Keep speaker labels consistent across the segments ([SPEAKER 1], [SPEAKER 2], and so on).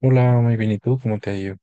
[SPEAKER 1] Hola, muy bien, ¿y tú? ¿Cómo te ha ido?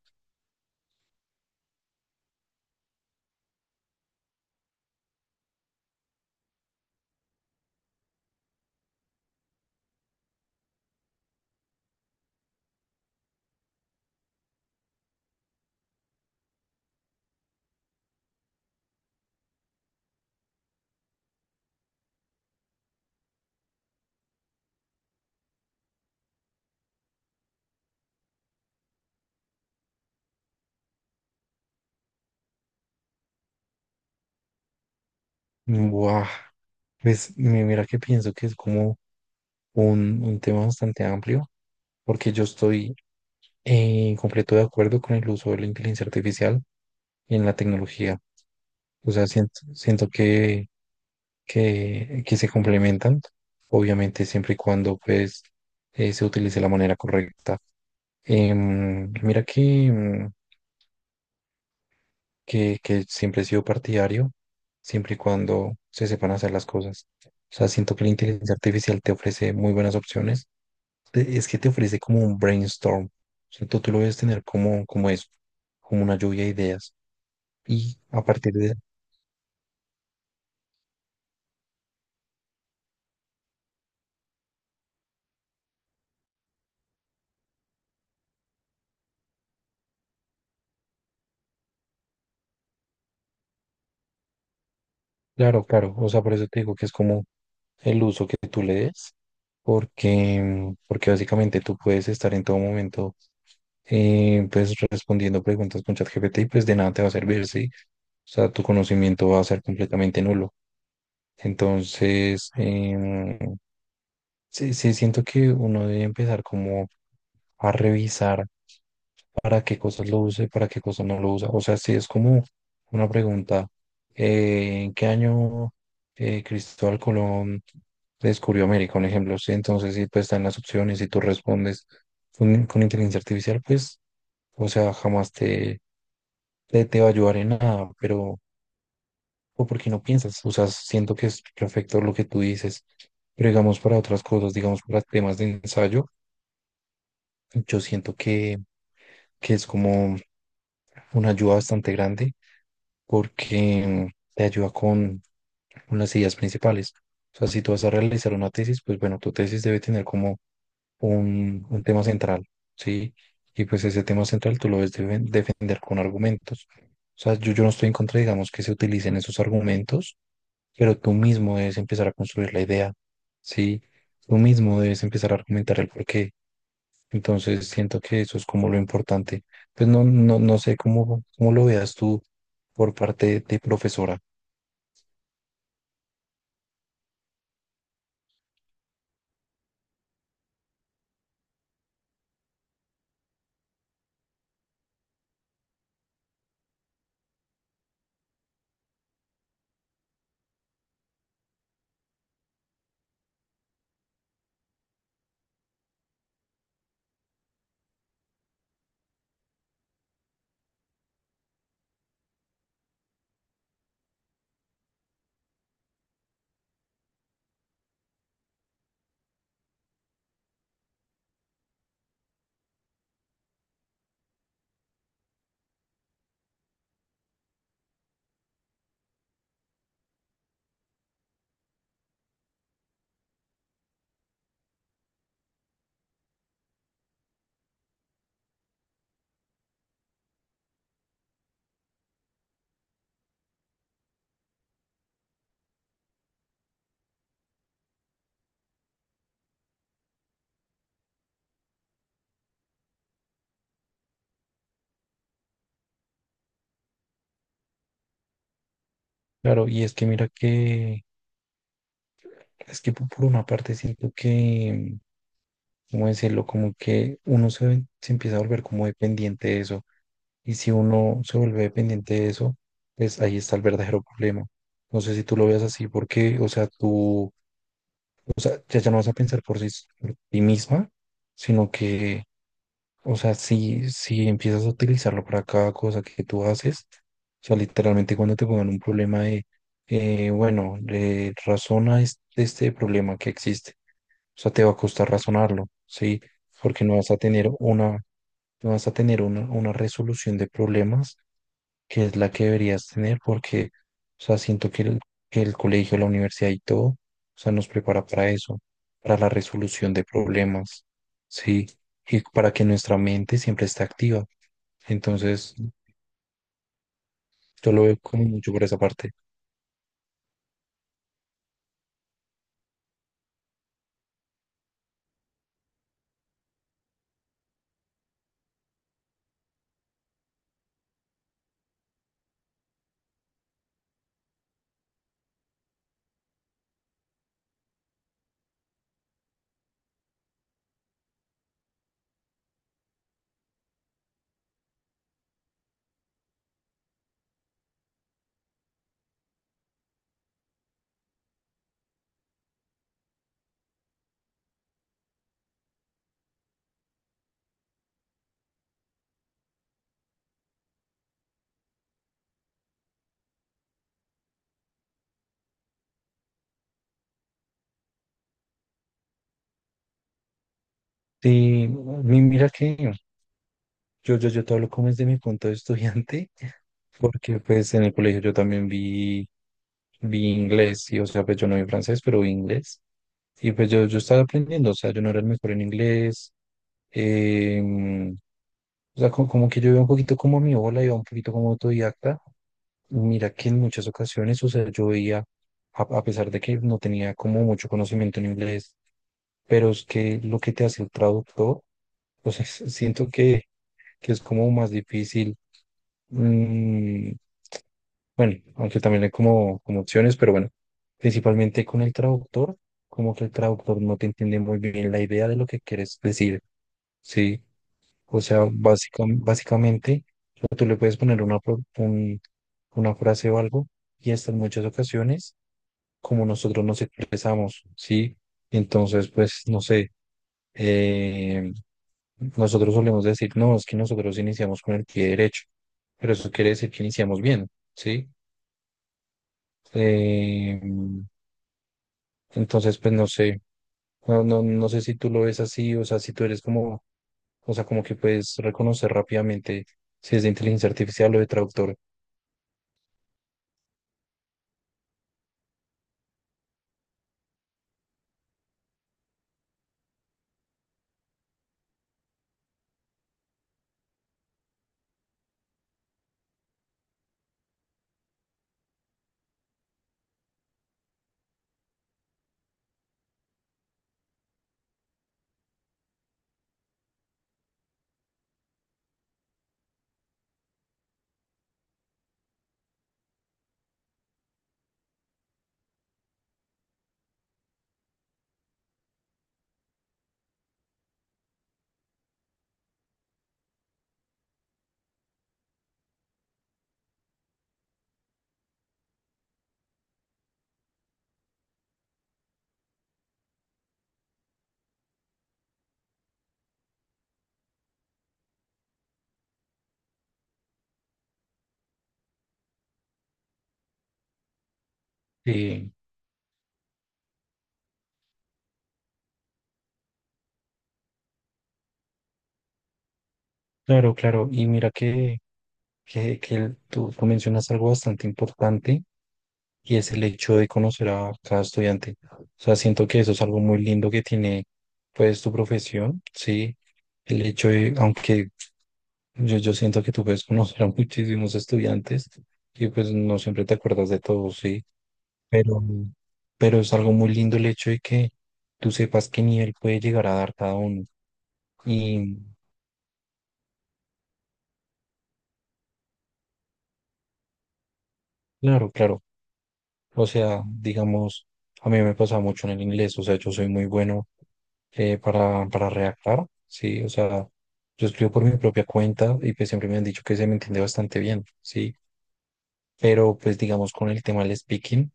[SPEAKER 1] Buah, pues mira que pienso que es como un tema bastante amplio, porque yo estoy en completo de acuerdo con el uso de la inteligencia artificial en la tecnología. O sea, siento que se complementan, obviamente siempre y cuando pues se utilice de la manera correcta. Mira que siempre he sido partidario, siempre y cuando se sepan hacer las cosas. O sea, siento que la inteligencia artificial te ofrece muy buenas opciones. Es que te ofrece como un brainstorm. O sea, tú lo debes tener como eso, como una lluvia de ideas. Y a partir de... Claro, claro. O sea, por eso te digo que es como el uso que tú le des, porque básicamente tú puedes estar en todo momento pues respondiendo preguntas con ChatGPT y pues de nada te va a servir, ¿sí? O sea, tu conocimiento va a ser completamente nulo. Entonces, sí, siento que uno debe empezar como a revisar para qué cosas lo use, para qué cosas no lo usa. O sea, si es como una pregunta, ¿en qué año Cristóbal Colón descubrió América? Un ejemplo, ¿sí? Entonces, si pues están las opciones y tú respondes con inteligencia artificial, pues, o sea, jamás te va a ayudar en nada, pero, o porque no piensas, o sea, siento que es perfecto lo que tú dices, pero digamos para otras cosas, digamos para temas de ensayo, yo siento que es como una ayuda bastante grande porque te ayuda con las ideas principales. O sea, si tú vas a realizar una tesis, pues bueno, tu tesis debe tener como un tema central, ¿sí? Y pues ese tema central tú lo debes defender con argumentos. O sea, yo no estoy en contra, digamos, que se utilicen esos argumentos, pero tú mismo debes empezar a construir la idea, ¿sí? Tú mismo debes empezar a argumentar el porqué. Entonces, siento que eso es como lo importante. Pues no sé cómo lo veas tú por parte de profesora. Claro, y es que mira que, es que por una parte siento que, ¿cómo decirlo? Como que uno se empieza a volver como dependiente de eso. Y si uno se vuelve dependiente de eso, pues ahí está el verdadero problema. No sé si tú lo veas así, porque, o sea, tú O sea, ya no vas a pensar por sí, por ti misma, sino que, o sea, si empiezas a utilizarlo para cada cosa que tú haces, o sea, literalmente cuando te pongan un problema de, bueno, razona este problema que existe, o sea, te va a costar razonarlo, ¿sí? Porque no vas a tener una, no vas a tener una resolución de problemas que es la que deberías tener porque, o sea, siento que que el colegio, la universidad y todo, o sea, nos prepara para eso, para la resolución de problemas, ¿sí? Y para que nuestra mente siempre esté activa. Entonces, yo lo veo como mucho por esa parte. Sí, mira que yo te hablo como desde mi punto de estudiante, porque pues en el colegio yo también vi inglés, y o sea, pues yo no vi francés, pero vi inglés. Y pues yo estaba aprendiendo, o sea, yo no era el mejor en inglés. Em, o sea, como, que yo iba un poquito como mi ola, iba un poquito como autodidacta. Mira que en muchas ocasiones, o sea, yo veía, a pesar de que no tenía como mucho conocimiento en inglés, pero es que lo que te hace el traductor, o sea, siento que es como más difícil. mm, bueno, aunque también hay como opciones, pero bueno, principalmente con el traductor, como que el traductor no te entiende muy bien la idea de lo que quieres decir, ¿sí? O sea, básicamente, o sea, tú le puedes poner una frase o algo y hasta en muchas ocasiones, como nosotros nos expresamos, ¿sí? Entonces, pues, no sé, eh, nosotros solemos decir, no, es que nosotros iniciamos con el pie derecho, pero eso quiere decir que iniciamos bien, ¿sí? Eh, entonces, pues, no sé, no sé si tú lo ves así, o sea, si tú eres como O sea, como que puedes reconocer rápidamente si es de inteligencia artificial o de traductor. Sí, claro, claro. Y mira que... que tú mencionas algo bastante importante y es el hecho de conocer a cada estudiante. O sea, siento que eso es algo muy lindo que tiene pues tu profesión, ¿sí? El hecho de, aunque yo siento que tú puedes conocer a muchísimos estudiantes y pues no siempre te acuerdas de todos, ¿sí? Pero, pero es algo muy lindo el hecho de que tú sepas qué nivel puede llegar a dar cada uno. Y claro, claro. O sea, digamos, a mí me pasa mucho en el inglés, o sea, yo soy muy bueno para redactar, sí, o sea, yo escribo por mi propia cuenta y pues siempre me han dicho que se me entiende bastante bien, sí, pero pues digamos con el tema del speaking,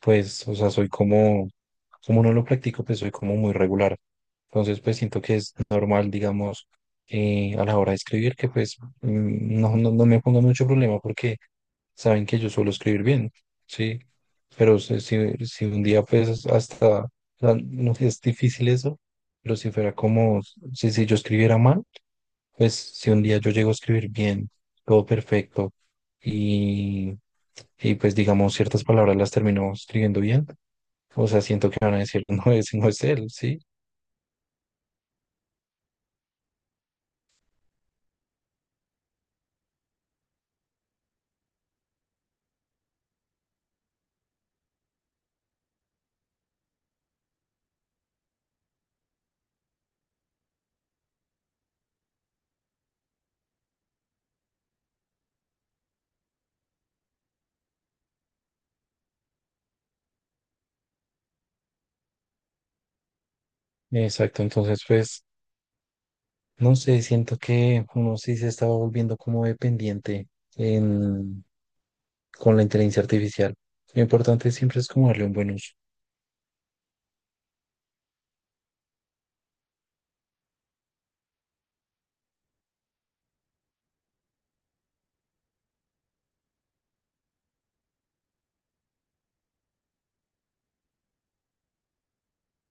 [SPEAKER 1] pues, o sea, soy como, como no lo practico, pues soy como muy regular. Entonces, pues siento que es normal, digamos, a la hora de escribir, que pues no me ponga mucho problema porque saben que yo suelo escribir bien, ¿sí? Pero si, si un día pues hasta, o sea, no sé, es difícil eso, pero si fuera como, si, si yo escribiera mal, pues si un día yo llego a escribir bien, todo perfecto, y, y pues digamos ciertas palabras las termino escribiendo bien, o sea, siento que van a decir, no, ese no es él, ¿sí? Exacto, entonces pues, no sé, siento que uno sí se estaba volviendo como dependiente en, con la inteligencia artificial. Lo importante siempre es como darle un buen uso.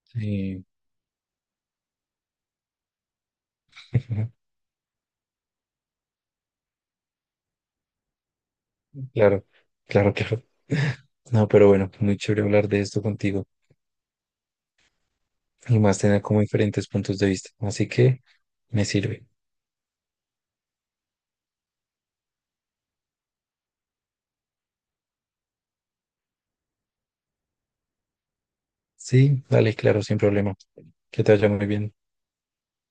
[SPEAKER 1] Sí, claro, claro. No, pero bueno, muy chévere hablar de esto contigo. Y más tener como diferentes puntos de vista. Así que me sirve. Sí, dale, claro, sin problema. Que te vaya muy bien.